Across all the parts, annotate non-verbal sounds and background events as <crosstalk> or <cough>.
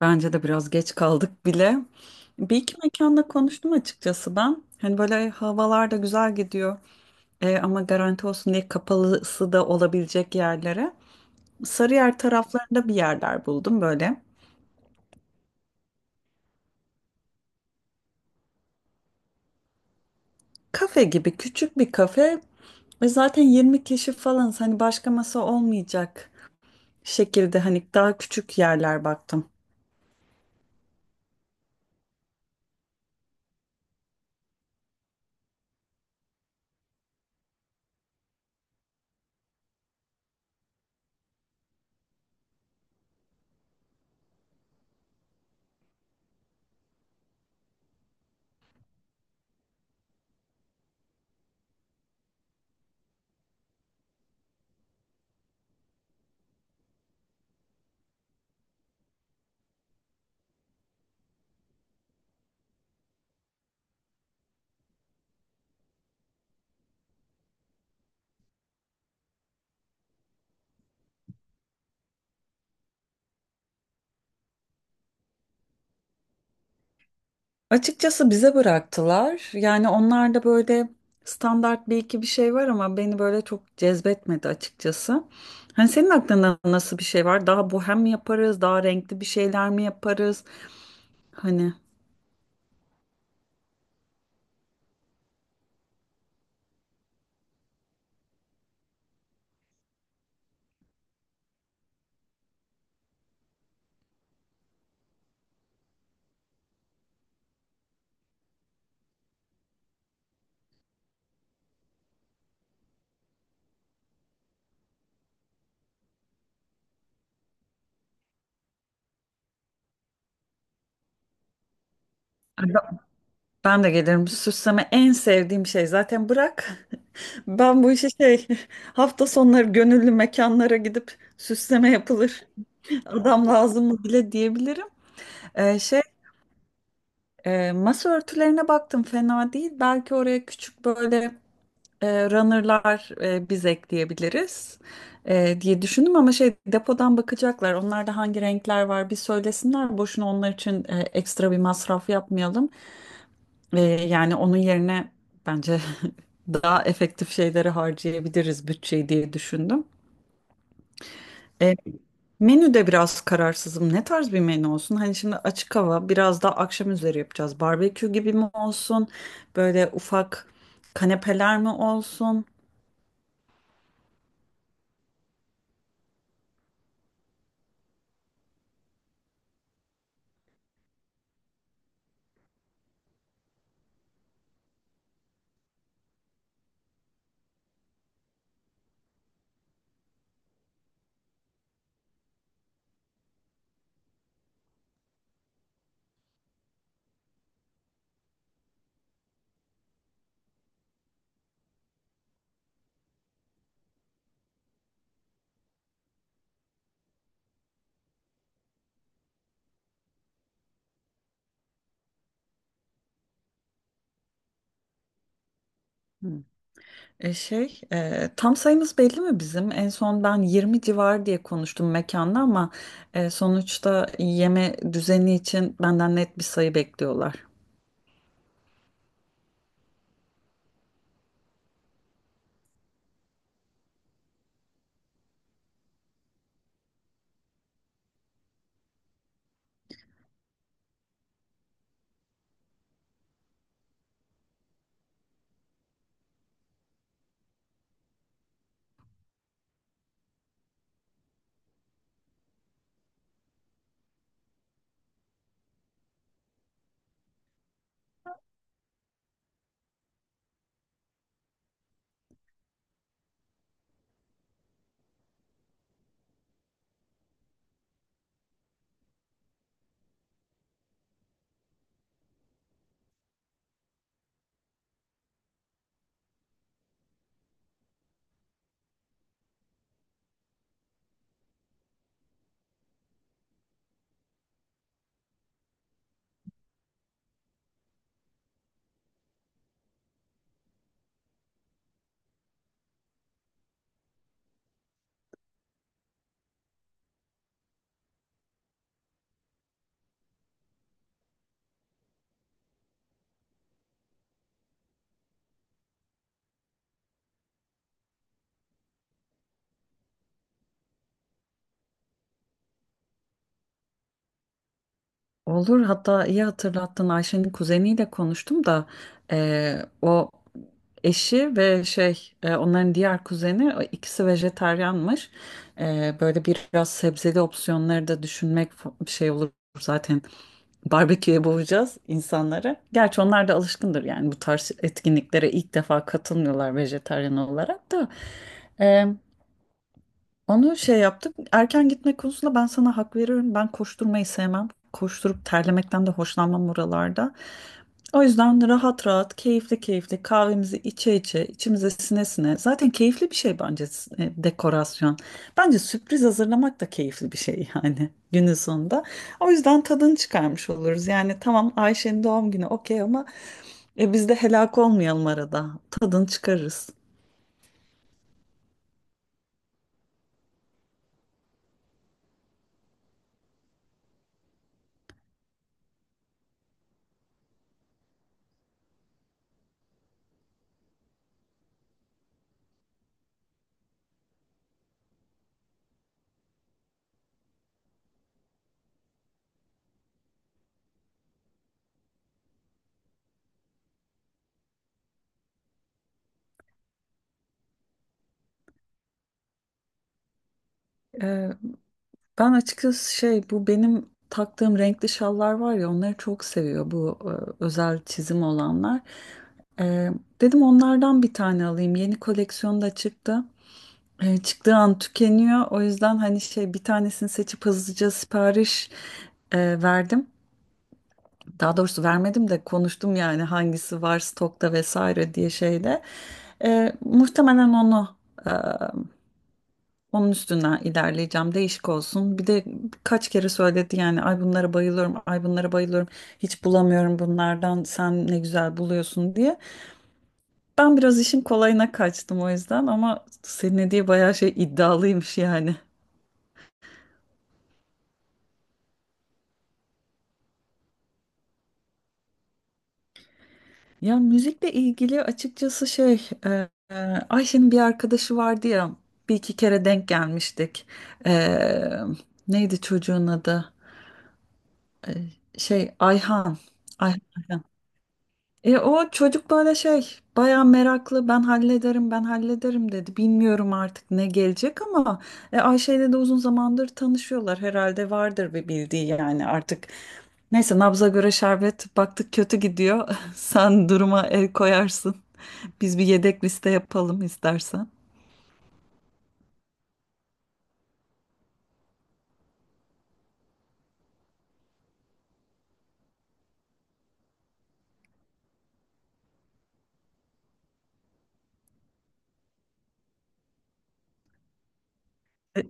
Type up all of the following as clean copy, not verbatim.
Bence de biraz geç kaldık bile. Bir iki mekanda konuştum açıkçası ben. Hani böyle havalar da güzel gidiyor. E, ama garanti olsun diye kapalısı da olabilecek yerlere. Sarıyer taraflarında bir yerler buldum böyle. Kafe gibi küçük bir kafe ve zaten 20 kişi falan hani başka masa olmayacak şekilde hani daha küçük yerler baktım. Açıkçası bize bıraktılar. Yani onlar da böyle standart bir iki bir şey var ama beni böyle çok cezbetmedi açıkçası. Hani senin aklında nasıl bir şey var? Daha bohem mi yaparız? Daha renkli bir şeyler mi yaparız? Hani ben de gelirim. Süsleme en sevdiğim şey. Zaten bırak. <laughs> Ben bu işi <laughs> hafta sonları gönüllü mekanlara gidip süsleme yapılır. <laughs> Adam lazım mı bile diyebilirim. Ee, şey Masa örtülerine baktım fena değil. Belki oraya küçük böyle runner'lar biz ekleyebiliriz diye düşündüm ama şey depodan bakacaklar. Onlarda hangi renkler var bir söylesinler. Boşuna onlar için ekstra bir masraf yapmayalım. E, yani onun yerine bence <laughs> daha efektif şeyleri harcayabiliriz bütçeyi diye düşündüm. E, menüde biraz kararsızım. Ne tarz bir menü olsun? Hani şimdi açık hava biraz daha akşam üzeri yapacağız. Barbekü gibi mi olsun? Böyle ufak kanepeler mi olsun? Hmm. Tam sayımız belli mi bizim? En son ben 20 civar diye konuştum mekanda ama sonuçta yeme düzeni için benden net bir sayı bekliyorlar. Olur, hatta iyi hatırlattın, Ayşe'nin kuzeniyle konuştum da o eşi ve onların diğer kuzeni o ikisi vejetaryanmış. Böyle biraz sebzeli opsiyonları da düşünmek bir şey olur zaten barbeküye boğacağız insanları. Gerçi onlar da alışkındır yani bu tarz etkinliklere ilk defa katılmıyorlar vejetaryen olarak da. Onu şey yaptık. Erken gitmek konusunda ben sana hak veriyorum. Ben koşturmayı sevmem. Koşturup terlemekten de hoşlanmam oralarda. O yüzden rahat rahat, keyifli keyifli kahvemizi içe içe, içimize sine sine. Zaten keyifli bir şey bence dekorasyon. Bence sürpriz hazırlamak da keyifli bir şey yani <laughs> günün sonunda. O yüzden tadını çıkarmış oluruz. Yani tamam Ayşe'nin doğum günü okey ama biz de helak olmayalım arada. Tadını çıkarırız. Ben açıkçası şey bu benim taktığım renkli şallar var ya onları çok seviyor bu özel çizim olanlar. E, dedim onlardan bir tane alayım. Yeni koleksiyon da çıktı. E, çıktığı an tükeniyor. O yüzden hani şey bir tanesini seçip hızlıca sipariş verdim. Daha doğrusu vermedim de konuştum yani hangisi var stokta vesaire diye şeyde. E, muhtemelen onu e, onun üstünden ilerleyeceğim. Değişik olsun. Bir de kaç kere söyledi yani ay bunlara bayılıyorum, ay bunlara bayılıyorum. Hiç bulamıyorum bunlardan. Sen ne güzel buluyorsun diye. Ben biraz işin kolayına kaçtım o yüzden ama senin hediye bayağı şey iddialıymış yani. Ya müzikle ilgili açıkçası Ayşe'nin bir arkadaşı vardı ya bir iki kere denk gelmiştik. E, neydi çocuğun adı? Ayhan. Ayhan. E, o çocuk böyle şey bayağı meraklı ben hallederim ben hallederim dedi. Bilmiyorum artık ne gelecek ama Ayşe ile de uzun zamandır tanışıyorlar herhalde vardır bir bildiği yani artık. Neyse nabza göre şerbet baktık kötü gidiyor. <laughs> Sen duruma el koyarsın. Biz bir yedek liste yapalım istersen. E,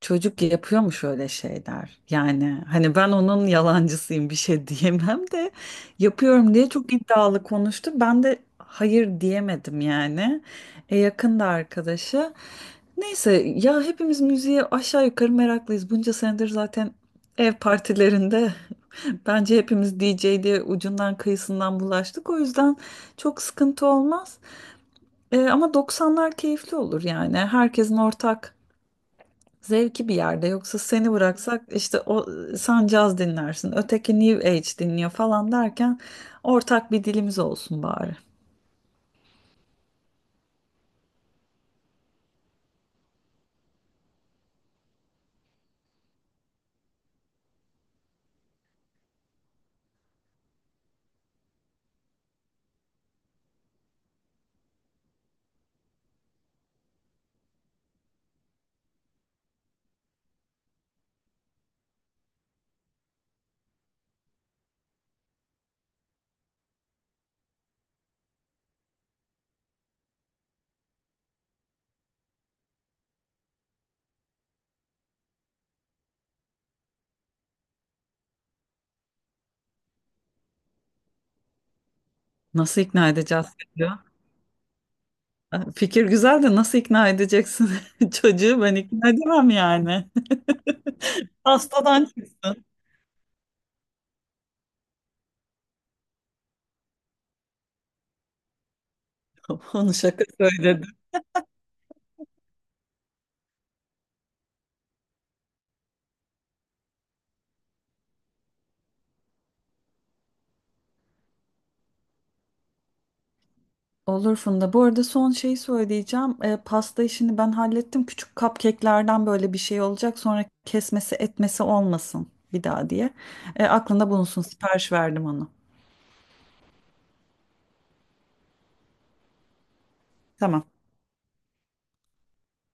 çocuk yapıyor mu şöyle şeyler? Yani hani ben onun yalancısıyım bir şey <laughs> diyemem de yapıyorum diye çok iddialı konuştu. Ben de hayır diyemedim yani. E, yakında arkadaşı. Neyse ya hepimiz müziğe aşağı yukarı meraklıyız. Bunca senedir zaten ev partilerinde bence hepimiz DJ'de ucundan kıyısından bulaştık. O yüzden çok sıkıntı olmaz. Ama 90'lar keyifli olur yani. Herkesin ortak zevki bir yerde. Yoksa seni bıraksak işte o sen caz dinlersin, öteki New Age dinliyor falan derken ortak bir dilimiz olsun bari. Nasıl ikna edeceğiz diyor. Fikir güzel de nasıl ikna edeceksin <laughs> çocuğu ben ikna edemem yani. <laughs> Hastadan çıksın. <laughs> Onu şaka söyledim. Olur Funda. Bu arada son şeyi söyleyeceğim. E, pasta işini ben hallettim. Küçük cupcake'lerden böyle bir şey olacak. Sonra kesmesi etmesi olmasın bir daha diye. E, aklında bulunsun. Sipariş verdim onu. Tamam.